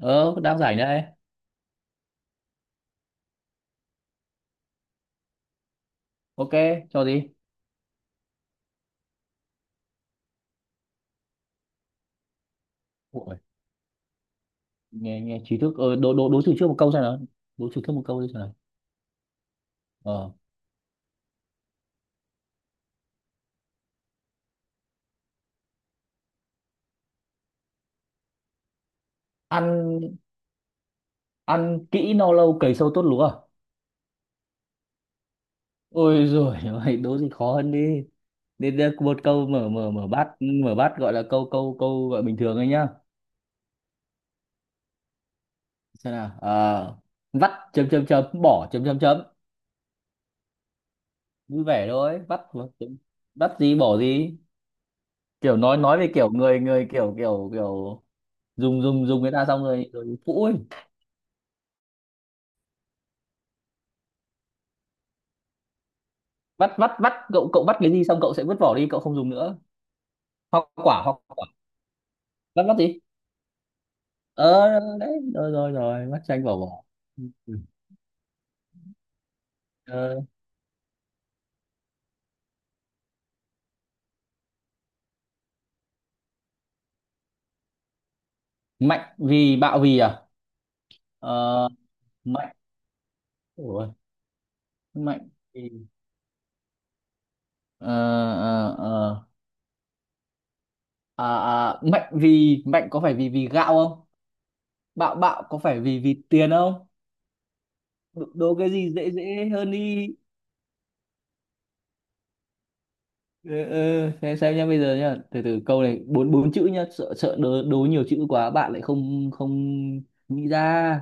Ờ Đang rảnh đây. Ok, cho gì? Ủa, Nghe nghe trí thức. Ờ, đố đố đố chữ trước một câu xem nào. Đố chữ trước một câu đi xem nào. ờ Ăn. Ăn kỹ no lâu cày sâu tốt lúa à? Ôi rồi ơi, đố gì khó hơn đi. Đến đây một câu mở mở mở bát, mở bát, gọi là câu câu câu gọi bình thường ấy nhá. Xem nào. Ờ Vắt chấm chấm chấm bỏ chấm chấm chấm. Vui vẻ thôi vắt mà, chấm. Vắt gì bỏ gì? Kiểu nói về kiểu người người kiểu kiểu kiểu dùng dùng dùng người ta xong rồi rồi phũ ấy. Vắt vắt vắt cậu cậu vắt cái gì xong cậu sẽ vứt vỏ đi, cậu không dùng nữa. Hoa quả. Vắt vắt gì? ờ Đấy rồi rồi rồi vắt chanh vào vỏ. Ừ. Ờ, mạnh vì bạo vì à? Ờ, mạnh. Ủa, mạnh vì. Ờ, ờ, ờ. À, à, mạnh vì, mạnh có phải vì vì gạo không, bạo, bạo có phải vì vì tiền không? Đố đố cái gì dễ dễ hơn đi. Ừ, ừ, thế xem nhá. Bây giờ nhá, từ từ câu này bốn bốn chữ nhá, sợ sợ đố, đố nhiều chữ quá bạn lại không không nghĩ ra.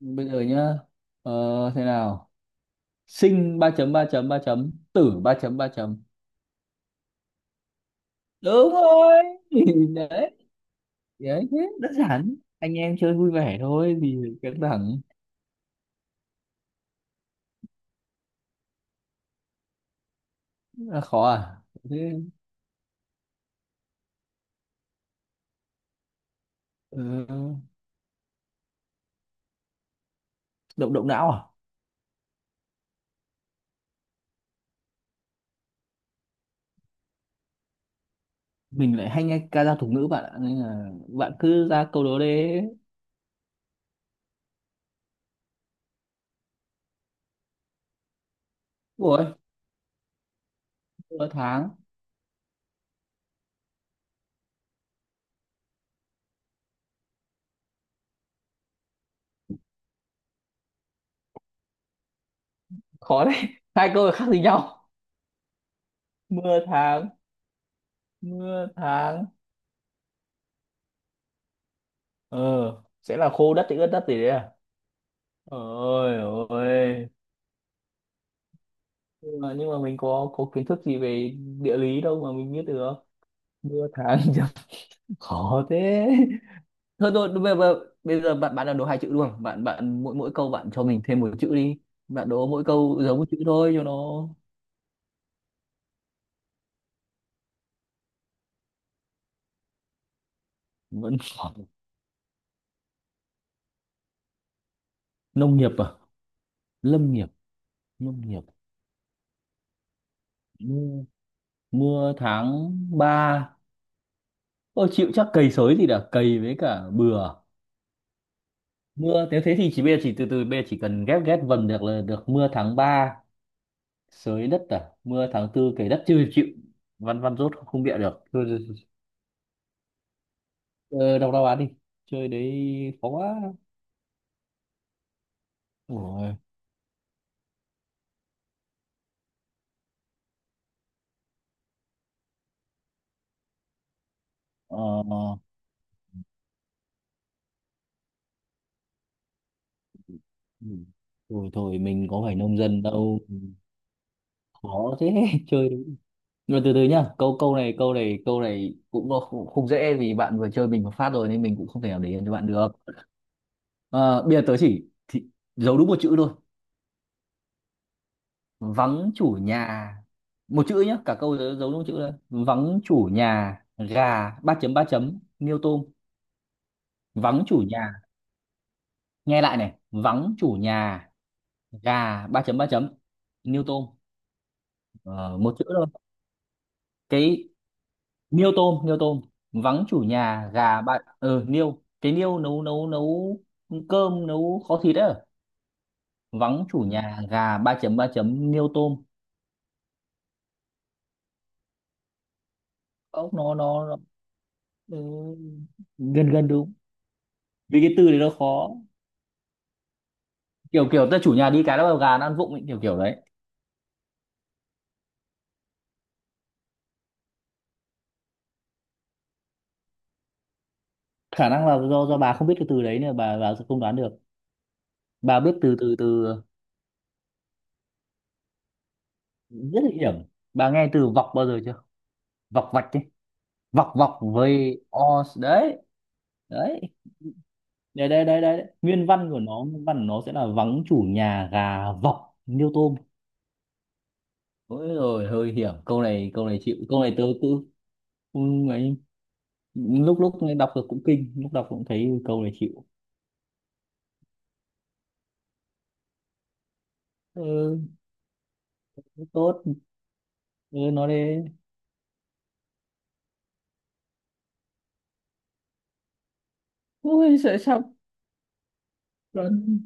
Bây giờ nhá, ờ, thế nào, sinh ba chấm ba chấm ba chấm tử ba chấm ba chấm. Đúng rồi. Đấy, đấy thế đơn giản, anh em chơi vui vẻ thôi thì căng thẳng. Là khó à? Thế. Ờ, động động não à? Mình lại hay nghe ca dao tục ngữ bạn ạ, nên là bạn cứ ra câu đố đấy. Ủa, nửa tháng. Khó đấy. Hai câu khác gì nhau? Mưa tháng. Mưa tháng. Ờ, sẽ là khô đất thì ướt đất gì đấy à? Ôi. Ôi. Nhưng mà, nhưng mà mình có kiến thức gì về địa lý đâu mà mình biết được. Mưa tháng chấm. Khó thế. Thôi thôi bây giờ bạn bạn đã đố hai chữ luôn, bạn bạn mỗi mỗi câu bạn cho mình thêm một chữ đi. Bạn đố mỗi câu giống một chữ thôi cho nó. Vẫn khó. Nông nghiệp à? Lâm nghiệp. Nông nghiệp. Mưa, mưa tháng ba. Tôi chịu, chắc cầy sới thì đã cầy với cả bừa. Mưa nếu thế thì chỉ bây giờ chỉ từ từ bây giờ chỉ cần ghép ghép vần được là được. Mưa tháng 3 sới đất à, mưa tháng tư cày đất, chưa chịu. Văn văn rốt không, không bịa được thôi. Ờ, đọc đáp án đi. Chơi đấy. Khó quá. Ủa. Ờ. Ừ. Thôi thôi mình có phải nông dân đâu. Khó thế. Chơi đấy. Nhưng mà từ từ nhá, câu câu này câu này câu này cũng không, không dễ vì bạn vừa chơi mình một phát rồi nên mình cũng không thể nào để yên cho bạn được. Ờ, bây giờ tớ chỉ thì giấu đúng một chữ thôi. Vắng chủ nhà. Một chữ nhá, cả câu tớ giấu đúng một chữ thôi. Vắng chủ nhà gà ba chấm niêu tôm. Vắng chủ nhà, nghe lại này, vắng chủ nhà gà ba chấm niêu tôm. Ờ, một chữ thôi. Cái niêu tôm, niêu tôm. Vắng chủ nhà gà ba ờ niêu, cái niêu nấu nấu nấu cơm, nấu kho thịt đấy. Vắng chủ nhà gà ba chấm niêu tôm. Ốc nó. Ừ, gần gần đúng vì cái từ đấy nó khó. Kiểu kiểu ta chủ nhà đi cái đó gà nó ăn vụng ấy, kiểu kiểu đấy. Khả năng là do bà không biết cái từ đấy nên bà sẽ không đoán được. Bà biết từ từ từ. Rất là hiểm. Bà nghe từ vọc bao giờ chưa? Vọc vạch ấy. Vọc vọc với o đấy. Đấy. Đây đây đây đây nguyên văn của nó, nguyên văn của nó sẽ là vắng chủ nhà gà vọc niêu tôm. Ôi rồi hơi hiểm, câu này, câu này chịu, câu này tớ cứ. Ừ. Ấy. Lúc lúc đọc được cũng kinh, lúc đọc cũng thấy câu này chịu. Ừ. Tốt. Ừ, nó đi. Ui sợ sao. gần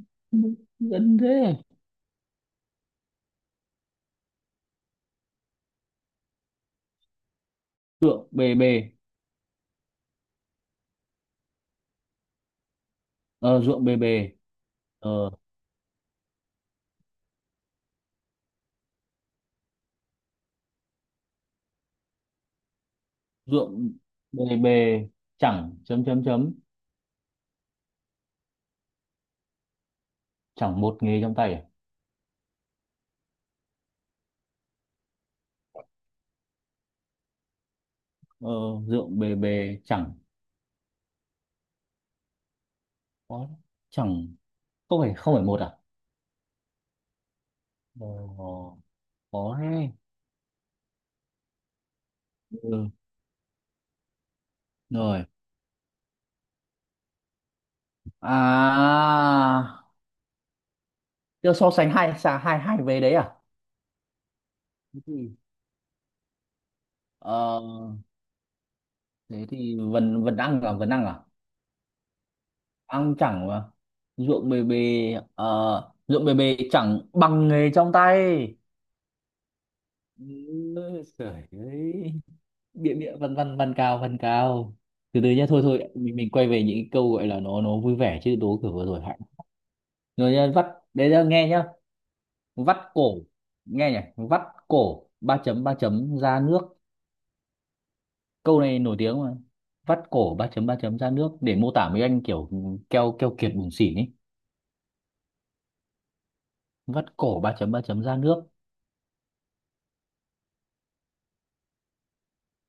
gần thế. Ruộng bề bề. Ờ ruộng bề bề. Ờ ruộng bề bề chẳng chấm chấm chấm. Chẳng một nghề trong tay à? Ờ ruộng bề bề chẳng có. Chẳng, không phải không phải một à? Ờ, có đấy. Ừ, rồi. À, Tiêu so sánh hai hai về đấy à? Thế thì. Ờ thế thì vần vần ăn à, vần ăn à? Ăn chẳng mà. Ruộng bề bề. Ờ, ruộng bề bề chẳng bằng nghề trong tay. Ừ. Trời ơi. Bịa bịa văn văn văn cao văn cao. Từ từ nhá, thôi thôi mình quay về những cái câu gọi là nó vui vẻ, chứ đố kiểu vừa rồi hạnh. Rồi nhá, vắt. Đấy nhá, nghe nhá. Vắt cổ. Nghe nhỉ, vắt cổ ba chấm ra nước. Câu này nổi tiếng mà. Vắt cổ ba chấm ra nước để mô tả mấy anh kiểu keo keo kiệt bủn xỉn ấy. Vắt cổ ba chấm ra nước.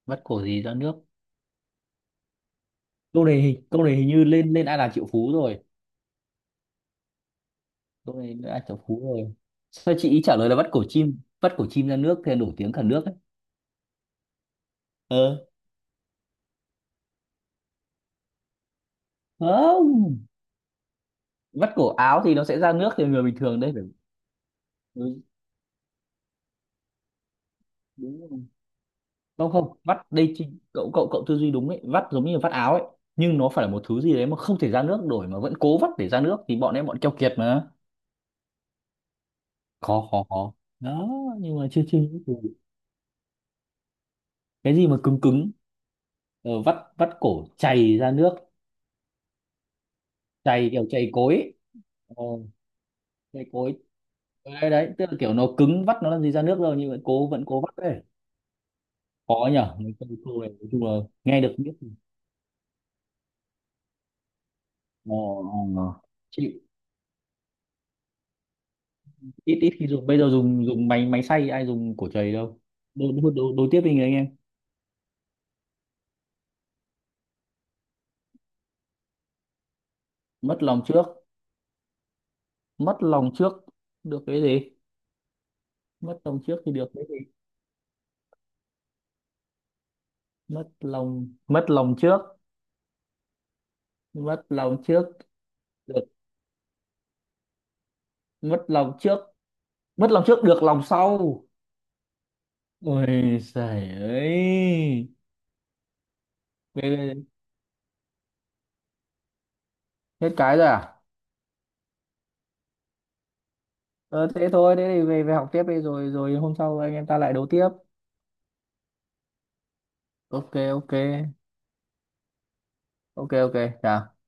Vắt cổ gì ra nước? Câu này hình như lên lên ai là triệu phú rồi. Câu này lên ai là triệu phú rồi. Sao chị ý trả lời là vắt cổ chim, vắt cổ chim ra nước thì nổi tiếng cả nước ấy. Ờ. Không, vắt cổ áo thì nó sẽ ra nước thì người bình thường đấy phải. Ừ, đúng rồi. Không, không vắt đây chị. Cậu cậu cậu tư duy đúng ấy, vắt giống như vắt áo ấy. Nhưng nó phải là một thứ gì đấy mà không thể ra nước nổi mà vẫn cố vắt để ra nước thì bọn em bọn keo kiệt mà. Khó khó khó. Đó. Nhưng mà chưa chưa nghĩ từ-. Cái gì mà cứng cứng. Ờ, vắt vắt cổ chày ra nước. Chày kiểu chày cối ấy. Ồ, cái cối. Đấy, đấy tức là kiểu nó cứng, vắt nó làm gì ra nước rồi nhưng mà cố vẫn cố vắt đấy. Khó nhở, mấy câu câu này nói chung là nghe được biết. Ồ. Ồ. Chịu. Ít ít khi dùng, bây giờ dùng dùng máy máy xay, ai dùng cổ chày đâu. Đối tiếp đi người anh em. Mất lòng trước. Mất lòng trước được cái gì. Mất lòng trước thì được cái gì. Mất lòng trước. Mất lòng trước được. Mất lòng trước. Mất lòng trước được lòng sau. Ôi giời ơi. Thế- thế- Hết cái rồi à? Ờ, thế thôi, thế thì về về học tiếp đi rồi rồi hôm sau anh em ta lại đấu tiếp. Ok. Ok. Ok. Ok, chào.